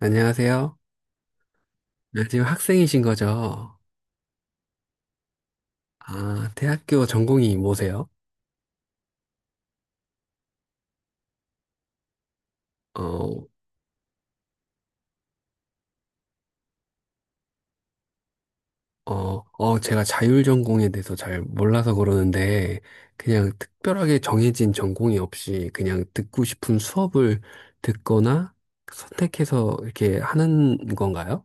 안녕하세요. 네, 지금 학생이신 거죠? 아, 대학교 전공이 뭐세요? 어, 제가 자율 전공에 대해서 잘 몰라서 그러는데, 그냥 특별하게 정해진 전공이 없이 그냥 듣고 싶은 수업을 듣거나 선택해서 이렇게 하는 건가요?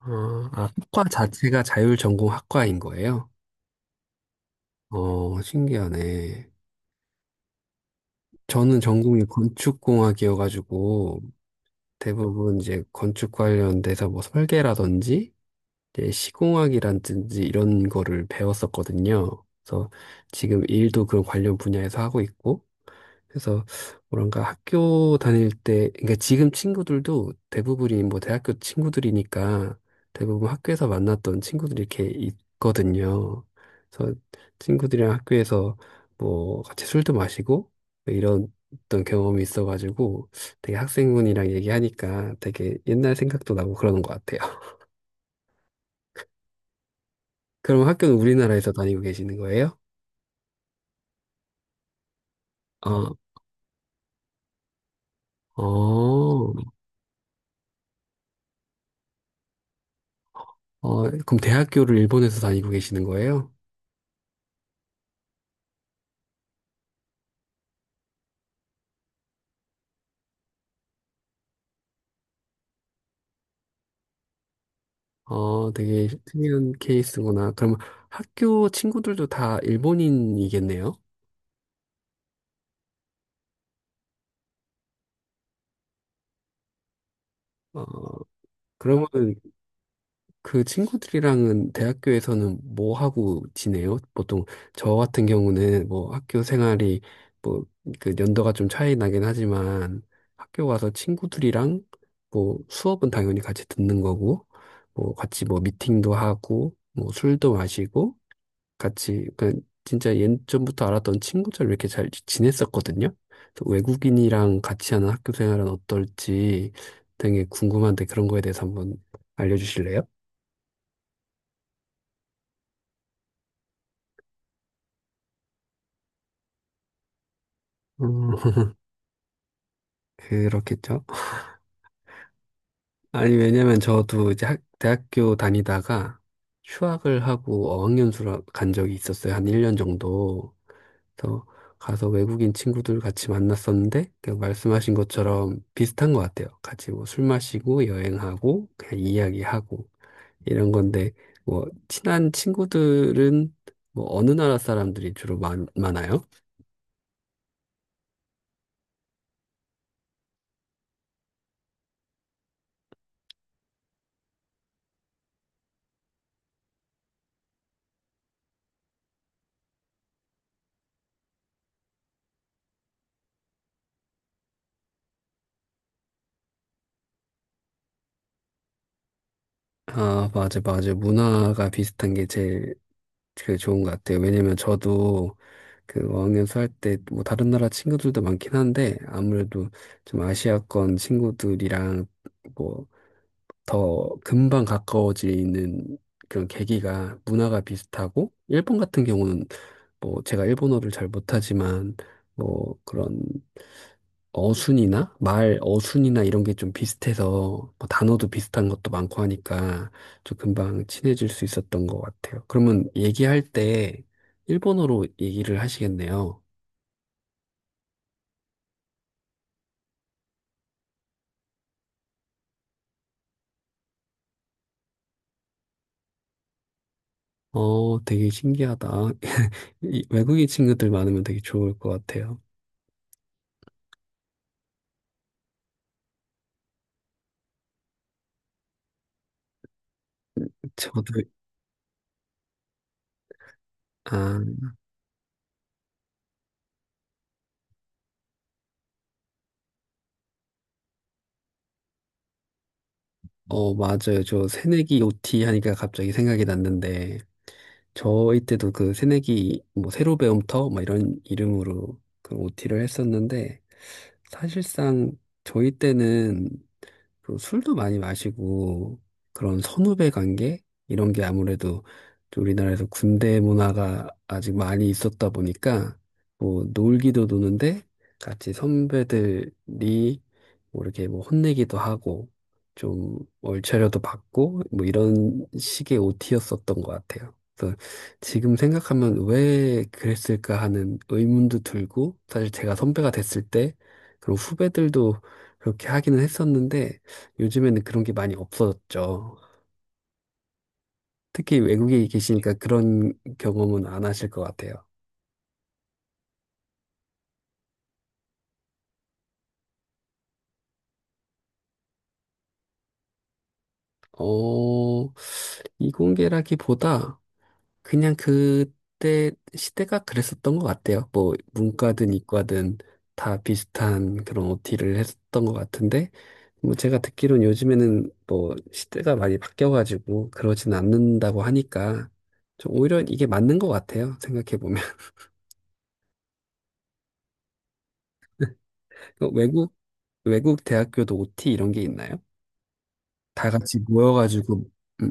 어, 아, 학과 자체가 자율 전공 학과인 거예요? 어, 신기하네. 저는 전공이 건축공학이어가지고, 대부분 이제 건축 관련돼서 뭐 설계라든지 이제 시공학이라든지 이런 거를 배웠었거든요. 그래서 지금 일도 그런 관련 분야에서 하고 있고, 그래서 뭐랄까 학교 다닐 때, 그러니까 지금 친구들도 대부분이 뭐 대학교 친구들이니까 대부분 학교에서 만났던 친구들이 이렇게 있거든요. 그래서 친구들이랑 학교에서 뭐 같이 술도 마시고 이런 어떤 경험이 있어가지고 되게 학생분이랑 얘기하니까 되게 옛날 생각도 나고 그러는 것 같아요. 그럼 학교는 우리나라에서 다니고 계시는 거예요? 어, 어, 어, 그럼 대학교를 일본에서 다니고 계시는 거예요? 어, 되게 특이한 케이스구나. 그럼 학교 친구들도 다 일본인이겠네요? 어, 그러면 그 친구들이랑은 대학교에서는 뭐 하고 지내요? 보통 저 같은 경우는 뭐 학교 생활이 뭐 그 연도가 좀 차이 나긴 하지만 학교 가서 친구들이랑 뭐 수업은 당연히 같이 듣는 거고 뭐 같이 뭐 미팅도 하고 뭐 술도 마시고 같이 그 진짜 예전부터 알았던 친구처럼 이렇게 잘 지냈었거든요. 그래서 외국인이랑 같이 하는 학교 생활은 어떨지 되게 궁금한데 그런 거에 대해서 한번 알려주실래요? 음, 그렇겠죠. 아니 왜냐면 저도 이제 대학교 다니다가 휴학을 하고 어학연수를 간 적이 있었어요. 한 1년 정도. 그래서 가서 외국인 친구들 같이 만났었는데 그냥 말씀하신 것처럼 비슷한 것 같아요. 같이 뭐 술 마시고 여행하고 그냥 이야기하고 이런 건데, 뭐, 친한 친구들은 뭐 어느 나라 사람들이 주로 많아요? 아, 맞아, 맞아. 문화가 비슷한 게 제일 그 좋은 것 같아요. 왜냐면 저도 그 어학연수 할 때 뭐 다른 나라 친구들도 많긴 한데, 아무래도 좀 아시아권 친구들이랑 뭐 더 금방 가까워지는 그런 계기가 문화가 비슷하고, 일본 같은 경우는 뭐 제가 일본어를 잘 못하지만, 뭐 그런 어순이나 말 어순이나 이런 게 좀 비슷해서 뭐 단어도 비슷한 것도 많고 하니까 좀 금방 친해질 수 있었던 것 같아요. 그러면 얘기할 때 일본어로 얘기를 하시겠네요. 어, 되게 신기하다. 이 외국인 친구들 많으면 되게 좋을 것 같아요. 저도, 아, 어, 맞아요. 저 새내기 OT 하니까 갑자기 생각이 났는데, 저희 때도 그 새내기 뭐 새로 배움터 막 이런 이름으로 그 OT를 했었는데 사실상 저희 때는 그 술도 많이 마시고 그런 선후배 관계 이런 게 아무래도 좀 우리나라에서 군대 문화가 아직 많이 있었다 보니까 뭐 놀기도 노는데 같이 선배들이 뭐 이렇게 뭐 혼내기도 하고 좀 얼차려도 받고 뭐 이런 식의 OT였었던 것 같아요. 그래서 지금 생각하면 왜 그랬을까 하는 의문도 들고 사실 제가 선배가 됐을 때 그런 후배들도 그렇게 하기는 했었는데 요즘에는 그런 게 많이 없어졌죠. 특히 외국에 계시니까 그런 경험은 안 하실 것 같아요. 어, 이공계라기보다 그냥 그때 시대가 그랬었던 것 같아요. 뭐, 문과든 이과든 다 비슷한 그런 OT를 했었던 것 같은데, 뭐, 제가 듣기로는 요즘에는 뭐, 시대가 많이 바뀌어가지고 그러진 않는다고 하니까, 좀 오히려 이게 맞는 것 같아요. 생각해보면. 외국, 외국 대학교도 OT 이런 게 있나요? 다 같이 모여가지고, 음,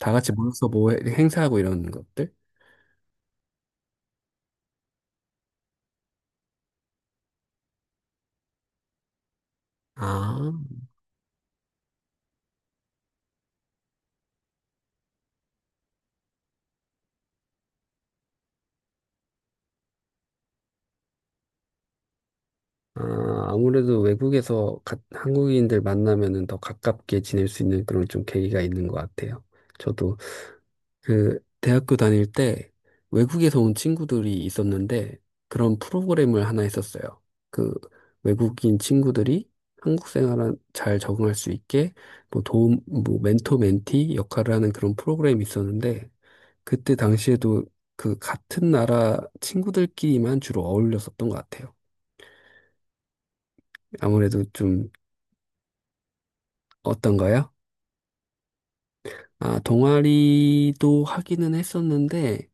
다 같이 모여서 뭐 행사하고 이런 것들? 아, 아, 아무래도 외국에서 한국인들 만나면은 더 가깝게 지낼 수 있는 그런 좀 계기가 있는 것 같아요. 저도 그 대학교 다닐 때 외국에서 온 친구들이 있었는데 그런 프로그램을 하나 했었어요. 그 외국인 친구들이 한국 생활에 잘 적응할 수 있게 뭐 도움, 뭐 멘토 멘티 역할을 하는 그런 프로그램이 있었는데 그때 당시에도 그 같은 나라 친구들끼리만 주로 어울렸었던 것 같아요. 아무래도 좀 어떤가요? 아, 동아리도 하기는 했었는데,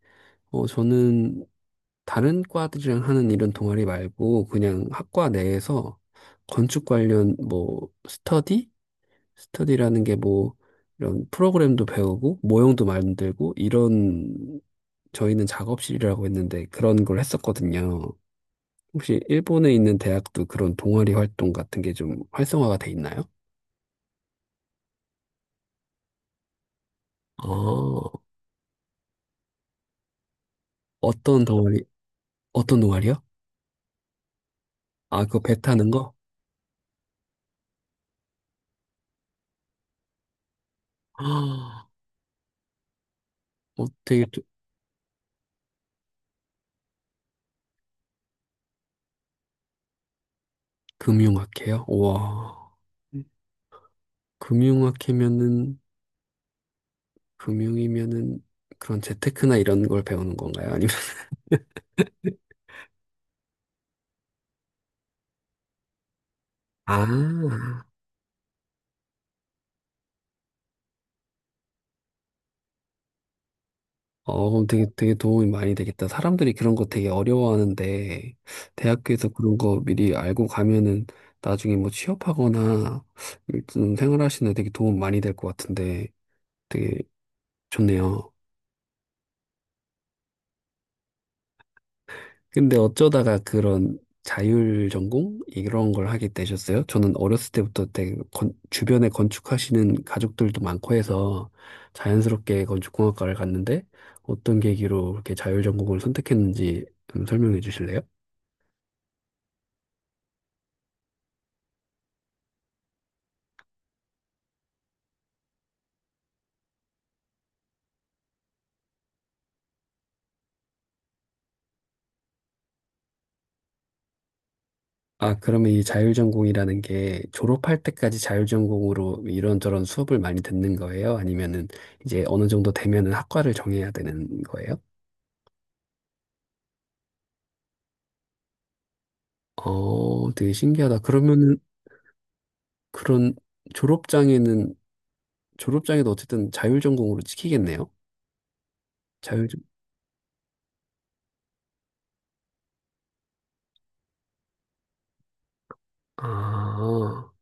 어, 저는 다른 과들이랑 하는 이런 동아리 말고 그냥 학과 내에서 건축 관련 뭐 스터디? 스터디라는 게 뭐 이런 프로그램도 배우고 모형도 만들고 이런 저희는 작업실이라고 했는데 그런 걸 했었거든요. 혹시 일본에 있는 대학도 그런 동아리 활동 같은 게 좀 활성화가 돼 있나요? 어, 어떤 동아리, 어떤 동아리요? 아, 그거 배 타는 거? 아, 어, 되게 또- 금융학회요? 우와. 금융학회면은, 금융이면은 그런 재테크나 이런 걸 배우는 건가요? 아니면, 아, 어, 그럼 되게 도움이 많이 되겠다. 사람들이 그런 거 되게 어려워하는데, 대학교에서 그런 거 미리 알고 가면은 나중에 뭐 취업하거나 좀 생활하시는 데 되게 도움 많이 될 것 같은데, 되게 좋네요. 근데 어쩌다가 그런 자율 전공? 이런 걸 하게 되셨어요? 저는 어렸을 때부터 되게 주변에 건축하시는 가족들도 많고 해서 자연스럽게 건축공학과를 갔는데 어떤 계기로 이렇게 자율 전공을 선택했는지 좀 설명해 주실래요? 아, 그러면 이 자율전공이라는 게 졸업할 때까지 자율전공으로 이런저런 수업을 많이 듣는 거예요? 아니면은 이제 어느 정도 되면은 학과를 정해야 되는 거예요? 어, 되게 신기하다. 그러면은 그런 졸업장에는, 졸업장에도 어쨌든 자율전공으로 찍히겠네요? 자율전, 아,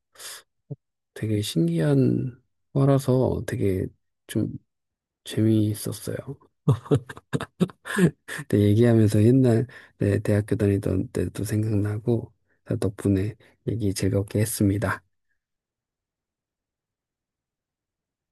되게 신기한 거라서 되게 좀 재미있었어요. 근데 얘기하면서 옛날 네, 대학교 다니던 때도 생각나고 덕분에 얘기 즐겁게 했습니다.